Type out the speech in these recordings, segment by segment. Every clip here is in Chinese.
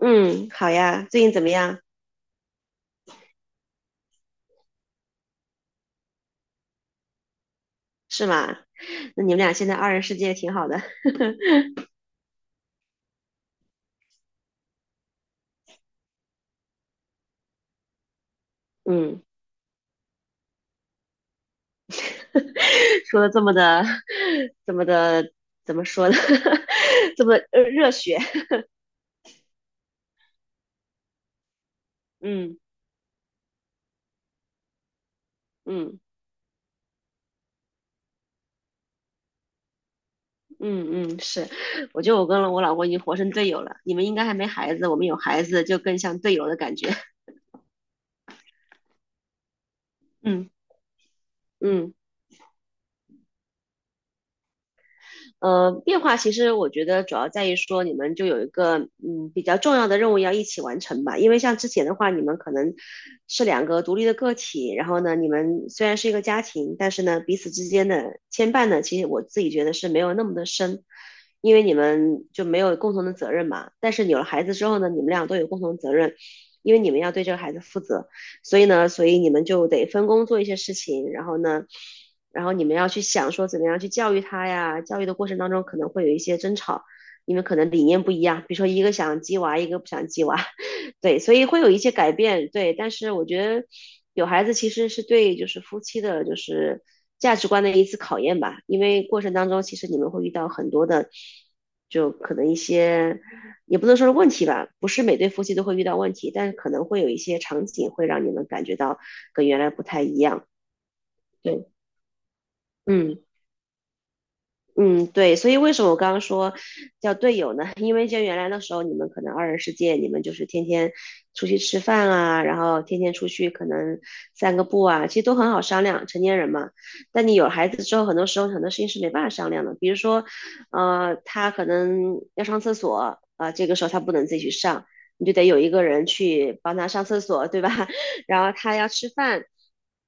嗯，好呀，最近怎么样？是吗？那你们俩现在二人世界挺好的。嗯，说的这么的，这么的，怎么说呢？这么热血。嗯嗯嗯嗯，是。我觉得我跟我老公已经活成队友了。你们应该还没孩子，我们有孩子就更像队友的感觉。嗯嗯。变化其实我觉得主要在于说你们就有一个比较重要的任务要一起完成吧，因为像之前的话，你们可能是两个独立的个体，然后呢，你们虽然是一个家庭，但是呢，彼此之间的牵绊呢，其实我自己觉得是没有那么的深，因为你们就没有共同的责任嘛。但是有了孩子之后呢，你们俩都有共同责任，因为你们要对这个孩子负责。所以呢，所以你们就得分工做一些事情，然后呢，然后你们要去想说怎么样去教育他呀。教育的过程当中可能会有一些争吵，你们可能理念不一样，比如说一个想鸡娃，一个不想鸡娃，对，所以会有一些改变，对。但是我觉得有孩子其实是对就是夫妻的就是价值观的一次考验吧，因为过程当中其实你们会遇到很多的，就可能一些。也不能说是问题吧，不是每对夫妻都会遇到问题，但是可能会有一些场景会让你们感觉到跟原来不太一样。对，嗯。嗯，对，所以为什么我刚刚说叫队友呢？因为像原来的时候，你们可能二人世界，你们就是天天出去吃饭啊，然后天天出去可能散个步啊，其实都很好商量，成年人嘛。但你有孩子之后，很多时候很多事情是没办法商量的，比如说，他可能要上厕所啊，这个时候他不能自己去上，你就得有一个人去帮他上厕所，对吧？然后他要吃饭。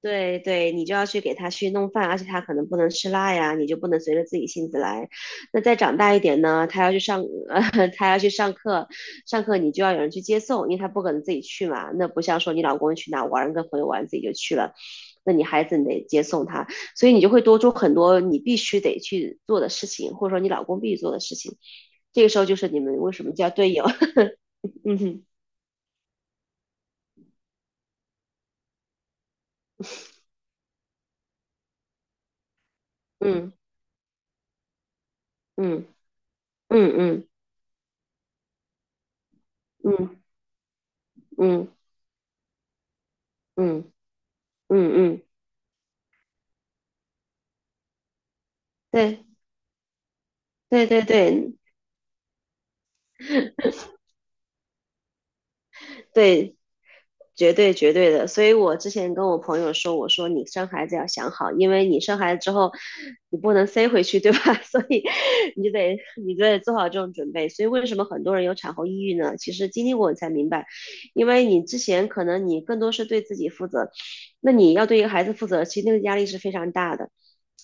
对对，你就要去给他去弄饭，而且他可能不能吃辣呀，你就不能随着自己性子来。那再长大一点呢，他要去上，他要去上课，上课你就要有人去接送，因为他不可能自己去嘛。那不像说你老公去哪玩，跟朋友玩自己就去了，那你孩子你得接送他，所以你就会多出很多你必须得去做的事情，或者说你老公必须做的事情。这个时候就是你们为什么叫队友？嗯哼嗯嗯嗯嗯嗯嗯嗯嗯嗯，对。对对对对，绝对绝对的，所以我之前跟我朋友说，我说你生孩子要想好，因为你生孩子之后，你不能塞回去，对吧？所以你就得你就得做好这种准备。所以为什么很多人有产后抑郁呢？其实经历过你才明白，因为你之前可能你更多是对自己负责，那你要对一个孩子负责，其实那个压力是非常大的。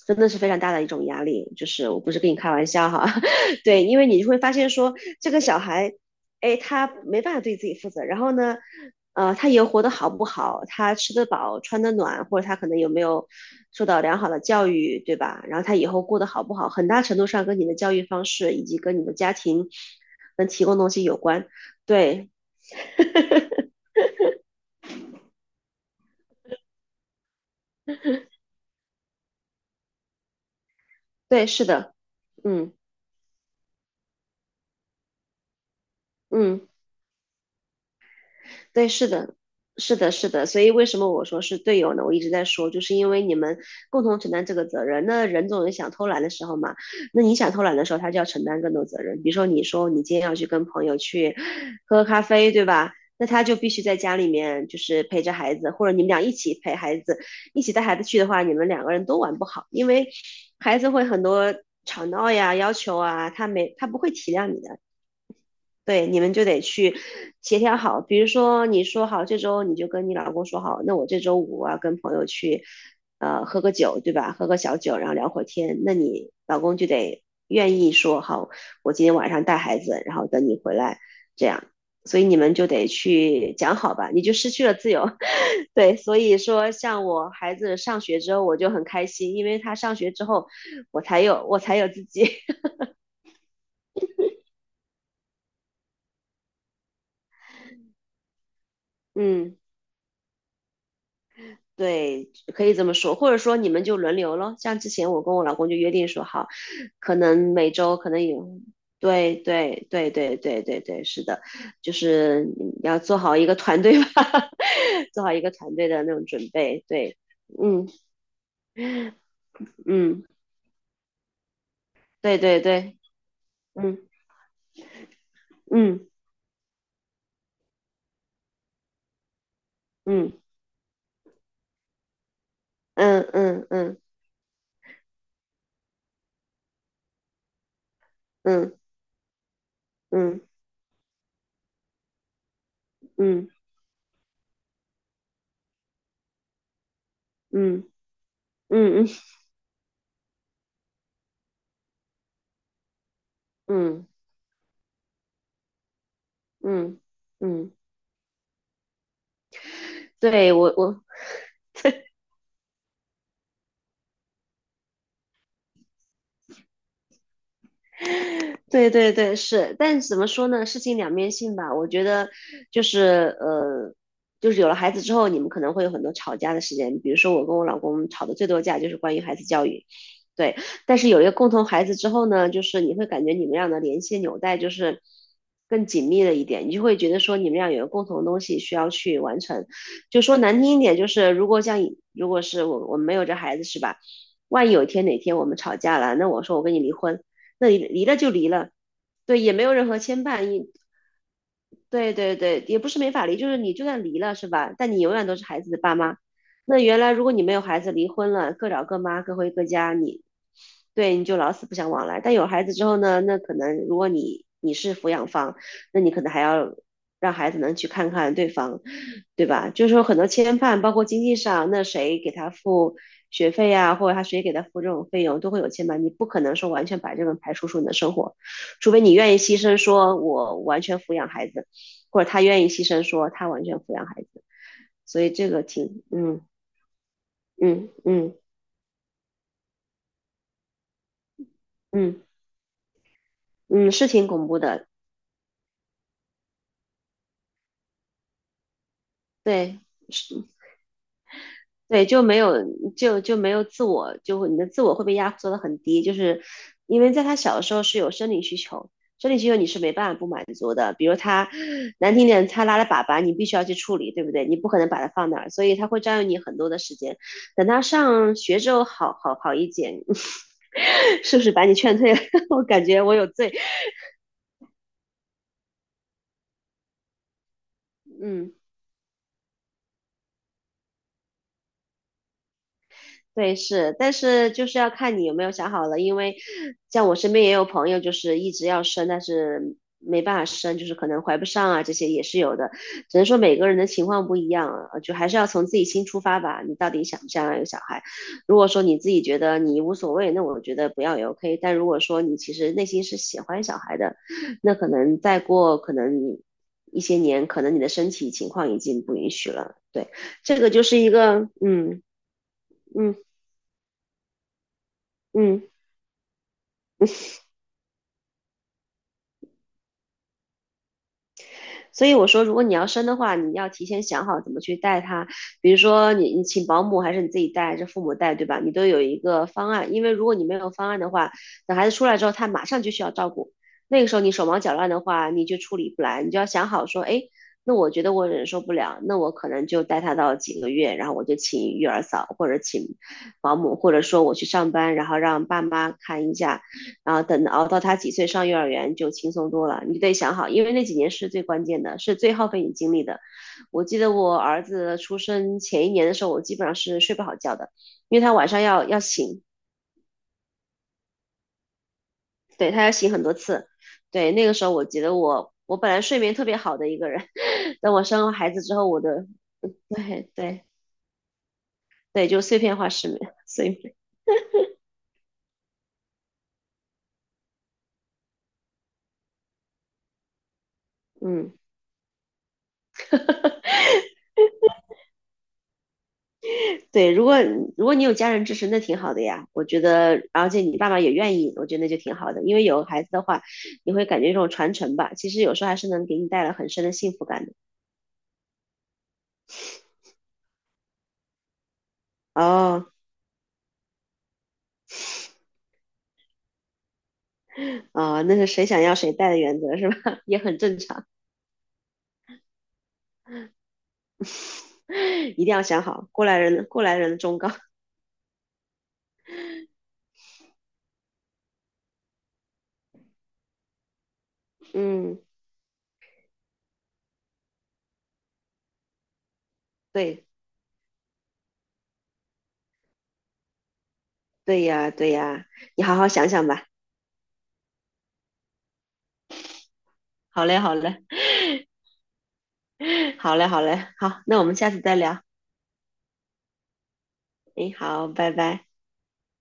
真的是非常大的一种压力，就是我不是跟你开玩笑哈，对，因为你就会发现说这个小孩，哎，他没办法对自己负责，然后呢，他以后活得好不好，他吃得饱、穿得暖，或者他可能有没有受到良好的教育，对吧？然后他以后过得好不好，很大程度上跟你的教育方式以及跟你的家庭能提供东西有关。对，对，是的，嗯嗯。对，是的，是的，是的。所以为什么我说是队友呢？我一直在说，就是因为你们共同承担这个责任。那人总有想偷懒的时候嘛，那你想偷懒的时候，他就要承担更多责任。比如说，你说你今天要去跟朋友去喝咖啡，对吧？那他就必须在家里面就是陪着孩子，或者你们俩一起陪孩子，一起带孩子去的话，你们两个人都玩不好，因为孩子会很多吵闹呀、要求啊，他不会体谅你的。对，你们就得去协调好。比如说，你说好这周你就跟你老公说好，那我这周五啊跟朋友去，喝个酒，对吧？喝个小酒，然后聊会儿天。那你老公就得愿意说好，我今天晚上带孩子，然后等你回来，这样。所以你们就得去讲好吧，你就失去了自由。对，所以说像我孩子上学之后，我就很开心，因为他上学之后，我才有自己。嗯，对，可以这么说，或者说你们就轮流咯。像之前我跟我老公就约定说好，可能每周可能有，对对对对对对对，是的，就是你要做好一个团队吧，做好一个团队的那种准备。对，嗯嗯，对对对，嗯嗯嗯嗯嗯嗯嗯嗯嗯嗯嗯嗯嗯嗯嗯，对我对对对，是，但怎么说呢？事情两面性吧。我觉得就是呃，就是有了孩子之后，你们可能会有很多吵架的时间。比如说，我跟我老公吵的最多架就是关于孩子教育，对。但是有一个共同孩子之后呢，就是你会感觉你们俩的联系纽带就是更紧密了一点，你就会觉得说你们俩有个共同的东西需要去完成。就说难听一点，如果是我们没有这孩子是吧？万一有一天哪天我们吵架了，那我说我跟你离婚，那离了就离了，对，也没有任何牵绊，也对对对，也不是没法离，就是你就算离了是吧？但你永远都是孩子的爸妈。那原来如果你没有孩子，离婚了，各找各妈，各回各家，你对你就老死不相往来。但有孩子之后呢，那可能如果你是抚养方，那你可能还要让孩子能去看看对方，对吧？就是说很多牵绊，包括经济上，那谁给他付学费呀、或者他谁给他付这种费用，都会有牵绊。你不可能说完全把这个排除出你的生活，除非你愿意牺牲，说我完全抚养孩子，或者他愿意牺牲，说他完全抚养孩子。所以这个挺，嗯嗯嗯嗯，是挺恐怖的，对，是对，就没有就没有自我，就会你的自我会被压缩的很低，就是因为在他小的时候是有生理需求，生理需求你是没办法不满足的，比如他难听点，他拉了粑粑，你必须要去处理，对不对？你不可能把它放那儿，所以他会占用你很多的时间。等他上学之后好，好好一点，是不是把你劝退了？我感觉我有罪，嗯。对，是，但是就是要看你有没有想好了，因为像我身边也有朋友，就是一直要生，但是没办法生，就是可能怀不上啊，这些也是有的。只能说每个人的情况不一样啊，就还是要从自己心出发吧。你到底想不想要有小孩？如果说你自己觉得你无所谓，那我觉得不要也 OK。但如果说你其实内心是喜欢小孩的，那可能再过可能一些年，可能你的身体情况已经不允许了。对，这个就是一个，嗯嗯嗯。所以我说，如果你要生的话，你要提前想好怎么去带他，比如说你请保姆还是你自己带，还是父母带，对吧？你都有一个方案，因为如果你没有方案的话，等孩子出来之后，他马上就需要照顾，那个时候你手忙脚乱的话，你就处理不来，你就要想好说，哎。那我觉得我忍受不了，那我可能就带他到几个月，然后我就请育儿嫂或者请保姆，或者说我去上班，然后让爸妈看一下，然后等熬到他几岁上幼儿园就轻松多了。你得想好，因为那几年是最关键的，是最耗费你精力的。我记得我儿子出生前一年的时候，我基本上是睡不好觉的，因为他晚上要醒，对他要醒很多次。对，那个时候我觉得我本来睡眠特别好的一个人，等我生了孩子之后，我的对对对，就碎片化失眠，睡眠，嗯。对，如果如果你有家人支持，那挺好的呀。我觉得，而且你爸爸也愿意，我觉得那就挺好的。因为有孩子的话，你会感觉这种传承吧，其实有时候还是能给你带来很深的幸福感的。哦，哦，那是谁想要谁带的原则是吧？也很正常，一定要想好，过来人，过来人的忠告。嗯，对，对呀，对呀，你好好想想吧。好嘞，好嘞，好嘞，好嘞，好，那我们下次再聊。哎，好，拜拜。